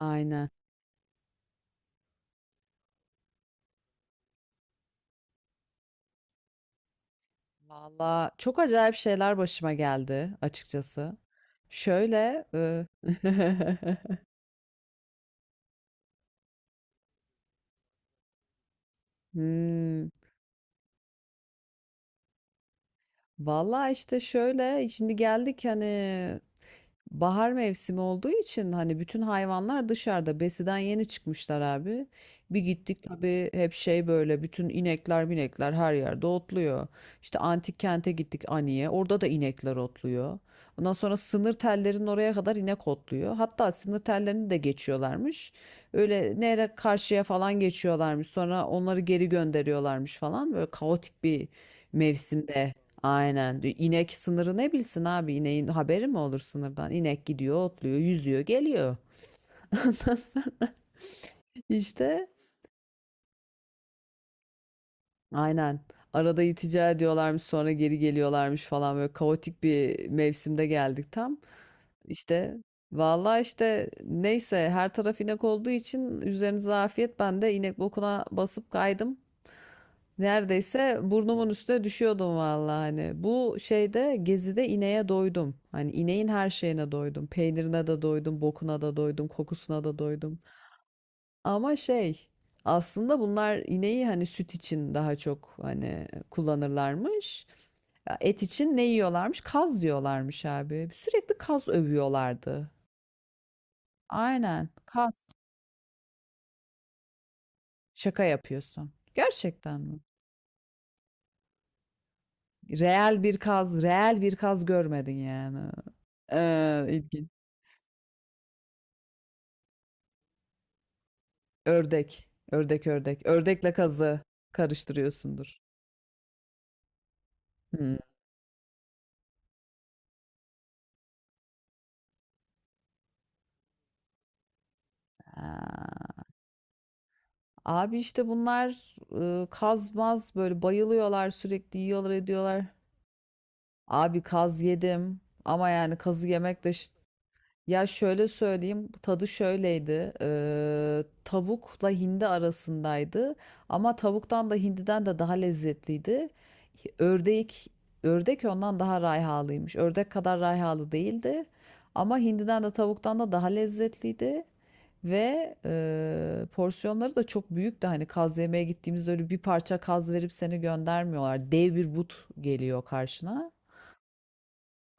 Aynen. Valla çok acayip şeyler başıma geldi açıkçası. Şöyle, hmm, valla işte şöyle, şimdi geldik hani bahar mevsimi olduğu için hani bütün hayvanlar dışarıda besiden yeni çıkmışlar abi. Bir gittik tabii hep şey böyle bütün inekler binekler her yerde otluyor. İşte antik kente gittik Ani'ye, orada da inekler otluyor. Ondan sonra sınır tellerinin oraya kadar inek otluyor. Hatta sınır tellerini de geçiyorlarmış. Öyle nehre karşıya falan geçiyorlarmış. Sonra onları geri gönderiyorlarmış falan. Böyle kaotik bir mevsimde. Aynen. Bir İnek sınırı ne bilsin abi? İneğin haberi mi olur sınırdan? İnek gidiyor, otluyor, yüzüyor, geliyor. İşte aynen. Arada itica ediyorlarmış, sonra geri geliyorlarmış falan, böyle kaotik bir mevsimde geldik tam. İşte vallahi işte neyse, her taraf inek olduğu için üzerinize afiyet. Ben de inek bokuna basıp kaydım. Neredeyse burnumun üstüne düşüyordum vallahi hani. Bu şeyde, gezide, ineğe doydum. Hani ineğin her şeyine doydum. Peynirine de doydum, bokuna da doydum, kokusuna da doydum. Ama şey, aslında bunlar ineği hani süt için daha çok hani kullanırlarmış. Ya, et için ne yiyorlarmış? Kaz diyorlarmış abi. Sürekli kaz övüyorlardı. Aynen, kaz. Şaka yapıyorsun. Gerçekten mi? Reel bir kaz, reel bir kaz görmedin yani. İlginç. Ördek, ördek, ördek. Ördekle kazı karıştırıyorsundur. Hmm. Aa, abi işte bunlar kaz, böyle bayılıyorlar, sürekli yiyorlar ediyorlar. Abi kaz yedim, ama yani kazı yemek de. Ya şöyle söyleyeyim, tadı şöyleydi, tavukla hindi arasındaydı, ama tavuktan da hindiden de daha lezzetliydi. Ördek, ördek ondan daha rayhalıymış, ördek kadar rayhalı değildi ama hindiden de tavuktan da daha lezzetliydi. Ve porsiyonları da çok büyüktü. Hani kaz yemeye gittiğimizde öyle bir parça kaz verip seni göndermiyorlar. Dev bir but geliyor karşına.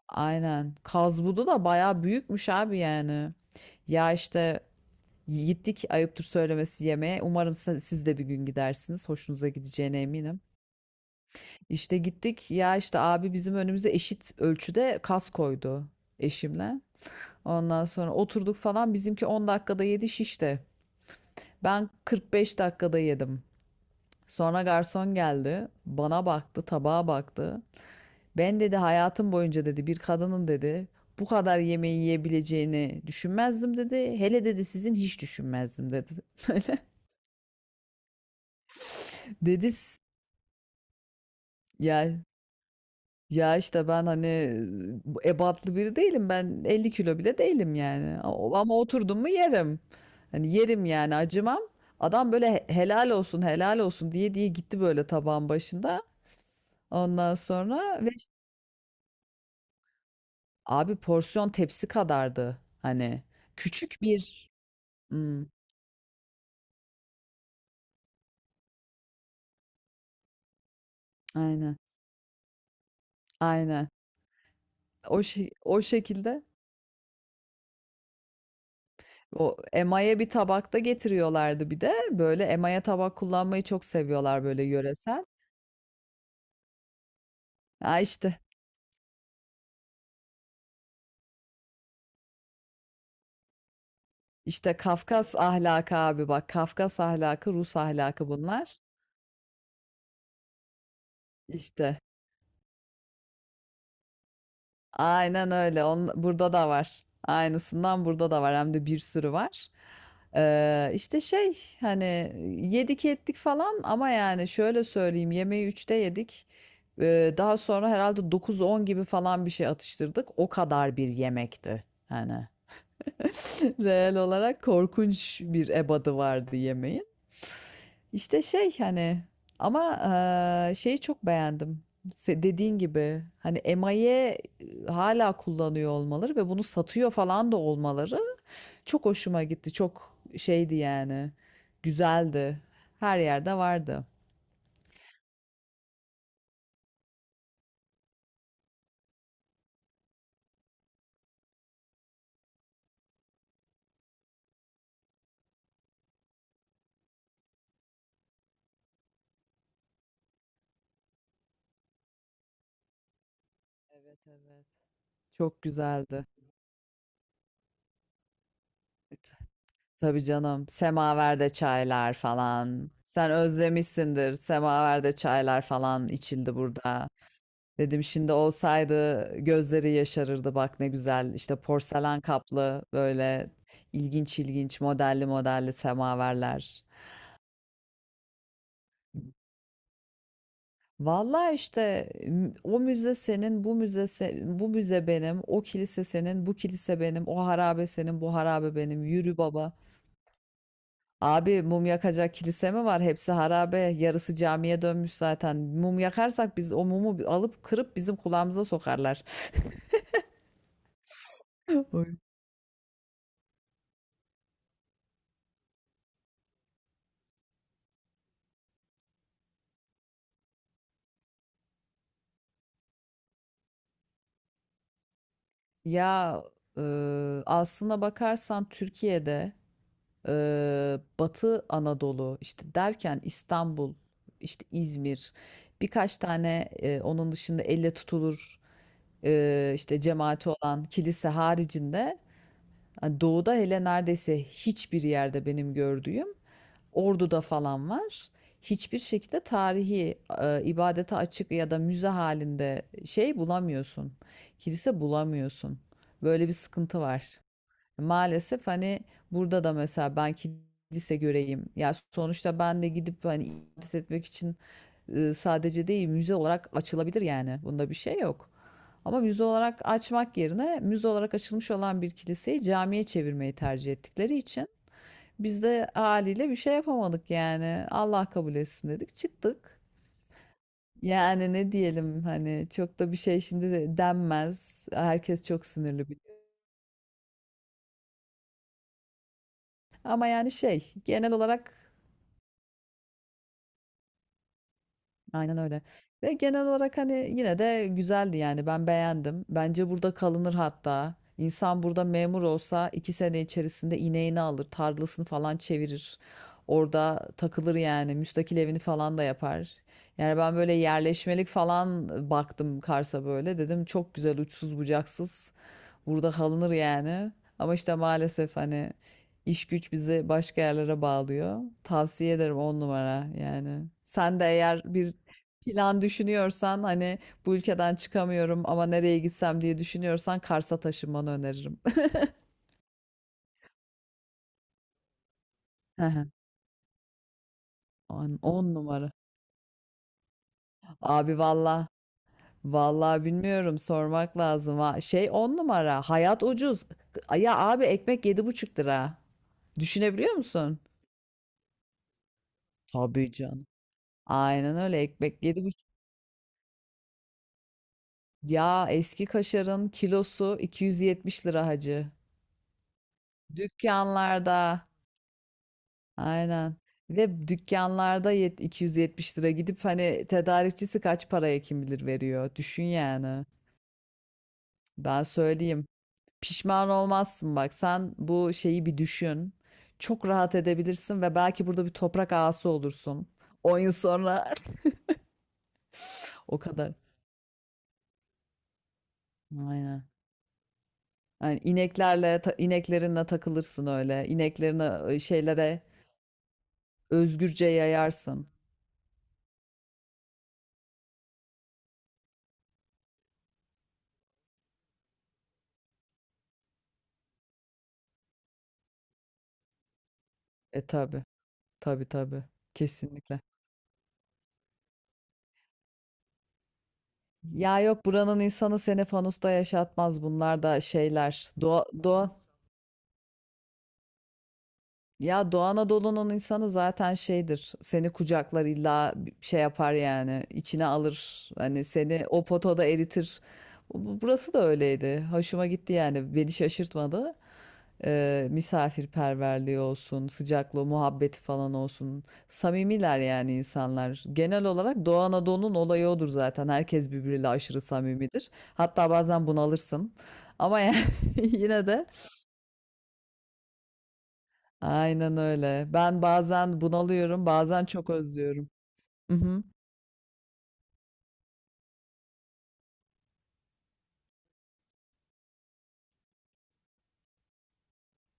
Aynen. Kaz budu da bayağı büyükmüş abi yani. Ya işte gittik, ayıptır söylemesi, yemeğe. Umarım siz de bir gün gidersiniz. Hoşunuza gideceğine eminim. İşte gittik. Ya işte abi bizim önümüze eşit ölçüde kas koydu eşimle. Ondan sonra oturduk falan. Bizimki 10 dakikada 7 şişte. Ben 45 dakikada yedim. Sonra garson geldi. Bana baktı, tabağa baktı. Ben, dedi, hayatım boyunca, dedi, bir kadının, dedi, bu kadar yemeği yiyebileceğini düşünmezdim, dedi. Hele, dedi, sizin hiç düşünmezdim, dedi. Böyle. Dedi s- ya ya işte ben hani ebatlı biri değilim, ben 50 kilo bile değilim yani. Ama oturdum mu yerim, hani yerim yani, acımam. Adam böyle helal olsun helal olsun diye diye gitti böyle tabağın başında. Ondan sonra abi, porsiyon tepsi kadardı hani, küçük bir. Hmm, aynen aynen, o şey, o şekilde, o emaye bir tabakta getiriyorlardı. Bir de böyle emaye tabak kullanmayı çok seviyorlar, böyle yöresel. Ya, işte, işte Kafkas ahlakı abi bak. Kafkas ahlakı, Rus ahlakı bunlar. İşte. Aynen öyle. On, burada da var. Aynısından burada da var. Hem de bir sürü var. İşte şey hani, yedik ettik falan, ama yani şöyle söyleyeyim, yemeği 3'te yedik. Daha sonra herhalde dokuz on gibi falan bir şey atıştırdık. O kadar bir yemekti. Hani. Reel olarak korkunç bir ebadı vardı yemeğin. İşte şey hani ama şeyi çok beğendim. Dediğin gibi hani emaye hala kullanıyor olmaları ve bunu satıyor falan da olmaları çok hoşuma gitti. Çok şeydi yani. Güzeldi. Her yerde vardı. Evet, evet. Çok güzeldi. Tabii canım. Semaverde çaylar falan. Sen özlemişsindir. Semaverde çaylar falan içildi burada. Dedim şimdi olsaydı gözleri yaşarırdı, bak ne güzel. İşte porselen kaplı böyle ilginç ilginç modelli modelli semaverler. Vallahi işte o müze senin, bu müze, bu müze benim, o kilise senin, bu kilise benim, o harabe senin, bu harabe benim. Yürü baba. Abi mum yakacak kilise mi var? Hepsi harabe. Yarısı camiye dönmüş zaten. Mum yakarsak biz o mumu alıp kırıp bizim kulağımıza sokarlar. Oy. Ya e, aslına bakarsan Türkiye'de Batı Anadolu işte derken, İstanbul, işte İzmir, birkaç tane, onun dışında elle tutulur işte cemaati olan kilise haricinde hani doğuda hele neredeyse hiçbir yerde benim gördüğüm, Ordu'da falan var. Hiçbir şekilde tarihi, ibadete açık ya da müze halinde şey bulamıyorsun. Kilise bulamıyorsun. Böyle bir sıkıntı var. Maalesef hani burada da mesela ben kilise göreyim. Ya sonuçta ben de gidip hani ibadet etmek için sadece değil, müze olarak açılabilir yani. Bunda bir şey yok. Ama müze olarak açmak yerine müze olarak açılmış olan bir kiliseyi camiye çevirmeyi tercih ettikleri için biz de haliyle bir şey yapamadık yani. Allah kabul etsin dedik, çıktık. Yani ne diyelim hani, çok da bir şey şimdi de denmez. Herkes çok sinirli, biliyorum. Ama yani şey, genel olarak aynen öyle. Ve genel olarak hani yine de güzeldi yani, ben beğendim. Bence burada kalınır hatta. İnsan burada memur olsa 2 sene içerisinde ineğini alır, tarlasını falan çevirir. Orada takılır yani, müstakil evini falan da yapar. Yani ben böyle yerleşmelik falan baktım Kars'a, böyle. Dedim çok güzel, uçsuz bucaksız. Burada kalınır yani. Ama işte maalesef hani iş güç bizi başka yerlere bağlıyor. Tavsiye ederim, on numara yani. Sen de eğer bir plan düşünüyorsan hani, bu ülkeden çıkamıyorum ama nereye gitsem diye düşünüyorsan, Kars'a taşınmanı öneririm. Aha. On, on numara. Abi valla. Valla bilmiyorum, sormak lazım. Ha. Şey, on numara. Hayat ucuz. Ya abi, ekmek 7,5 lira. Düşünebiliyor musun? Tabii canım. Aynen öyle, ekmek yedi. Ya, eski kaşarın kilosu 270 lira hacı. Dükkanlarda. Aynen. Ve dükkanlarda yet 270 lira, gidip hani tedarikçisi kaç paraya kim bilir veriyor. Düşün yani. Ben söyleyeyim. Pişman olmazsın bak. Sen bu şeyi bir düşün. Çok rahat edebilirsin ve belki burada bir toprak ağası olursun. 10 yıl sonra. O kadar. Aynen. Yani ineklerle ineklerinle takılırsın öyle. İneklerine, şeylere, özgürce yayarsın. E tabi, tabi tabi. Kesinlikle. Ya yok, buranın insanı seni fanusta yaşatmaz. Bunlar da şeyler. Doğa, doğa, ya, Doğu Anadolu'nun insanı zaten şeydir. Seni kucaklar, illa bir şey yapar yani, içine alır. Hani seni o potoda eritir. Burası da öyleydi. Hoşuma gitti yani. Beni şaşırtmadı. Misafirperverliği olsun, sıcaklığı, muhabbeti falan olsun. Samimiler yani insanlar. Genel olarak Doğu Anadolu'nun olayı odur zaten. Herkes birbiriyle aşırı samimidir. Hatta bazen bunalırsın. Ama yani, yine de aynen öyle. Ben bazen bunalıyorum, bazen çok özlüyorum. Mhm.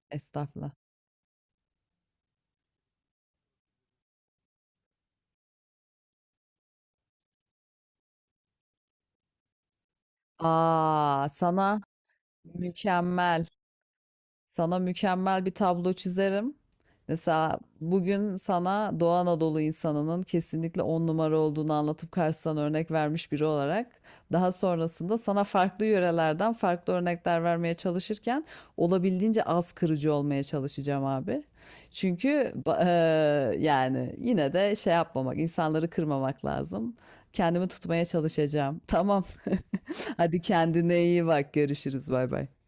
Estağfurullah. Aa, sana mükemmel. Sana mükemmel bir tablo çizerim. Mesela bugün sana Doğu Anadolu insanının kesinlikle on numara olduğunu anlatıp karşısına örnek vermiş biri olarak, daha sonrasında sana farklı yörelerden farklı örnekler vermeye çalışırken olabildiğince az kırıcı olmaya çalışacağım abi. Çünkü ba- yani yine de şey yapmamak, insanları kırmamak lazım. Kendimi tutmaya çalışacağım. Tamam. Hadi kendine iyi bak. Görüşürüz. Bay bay.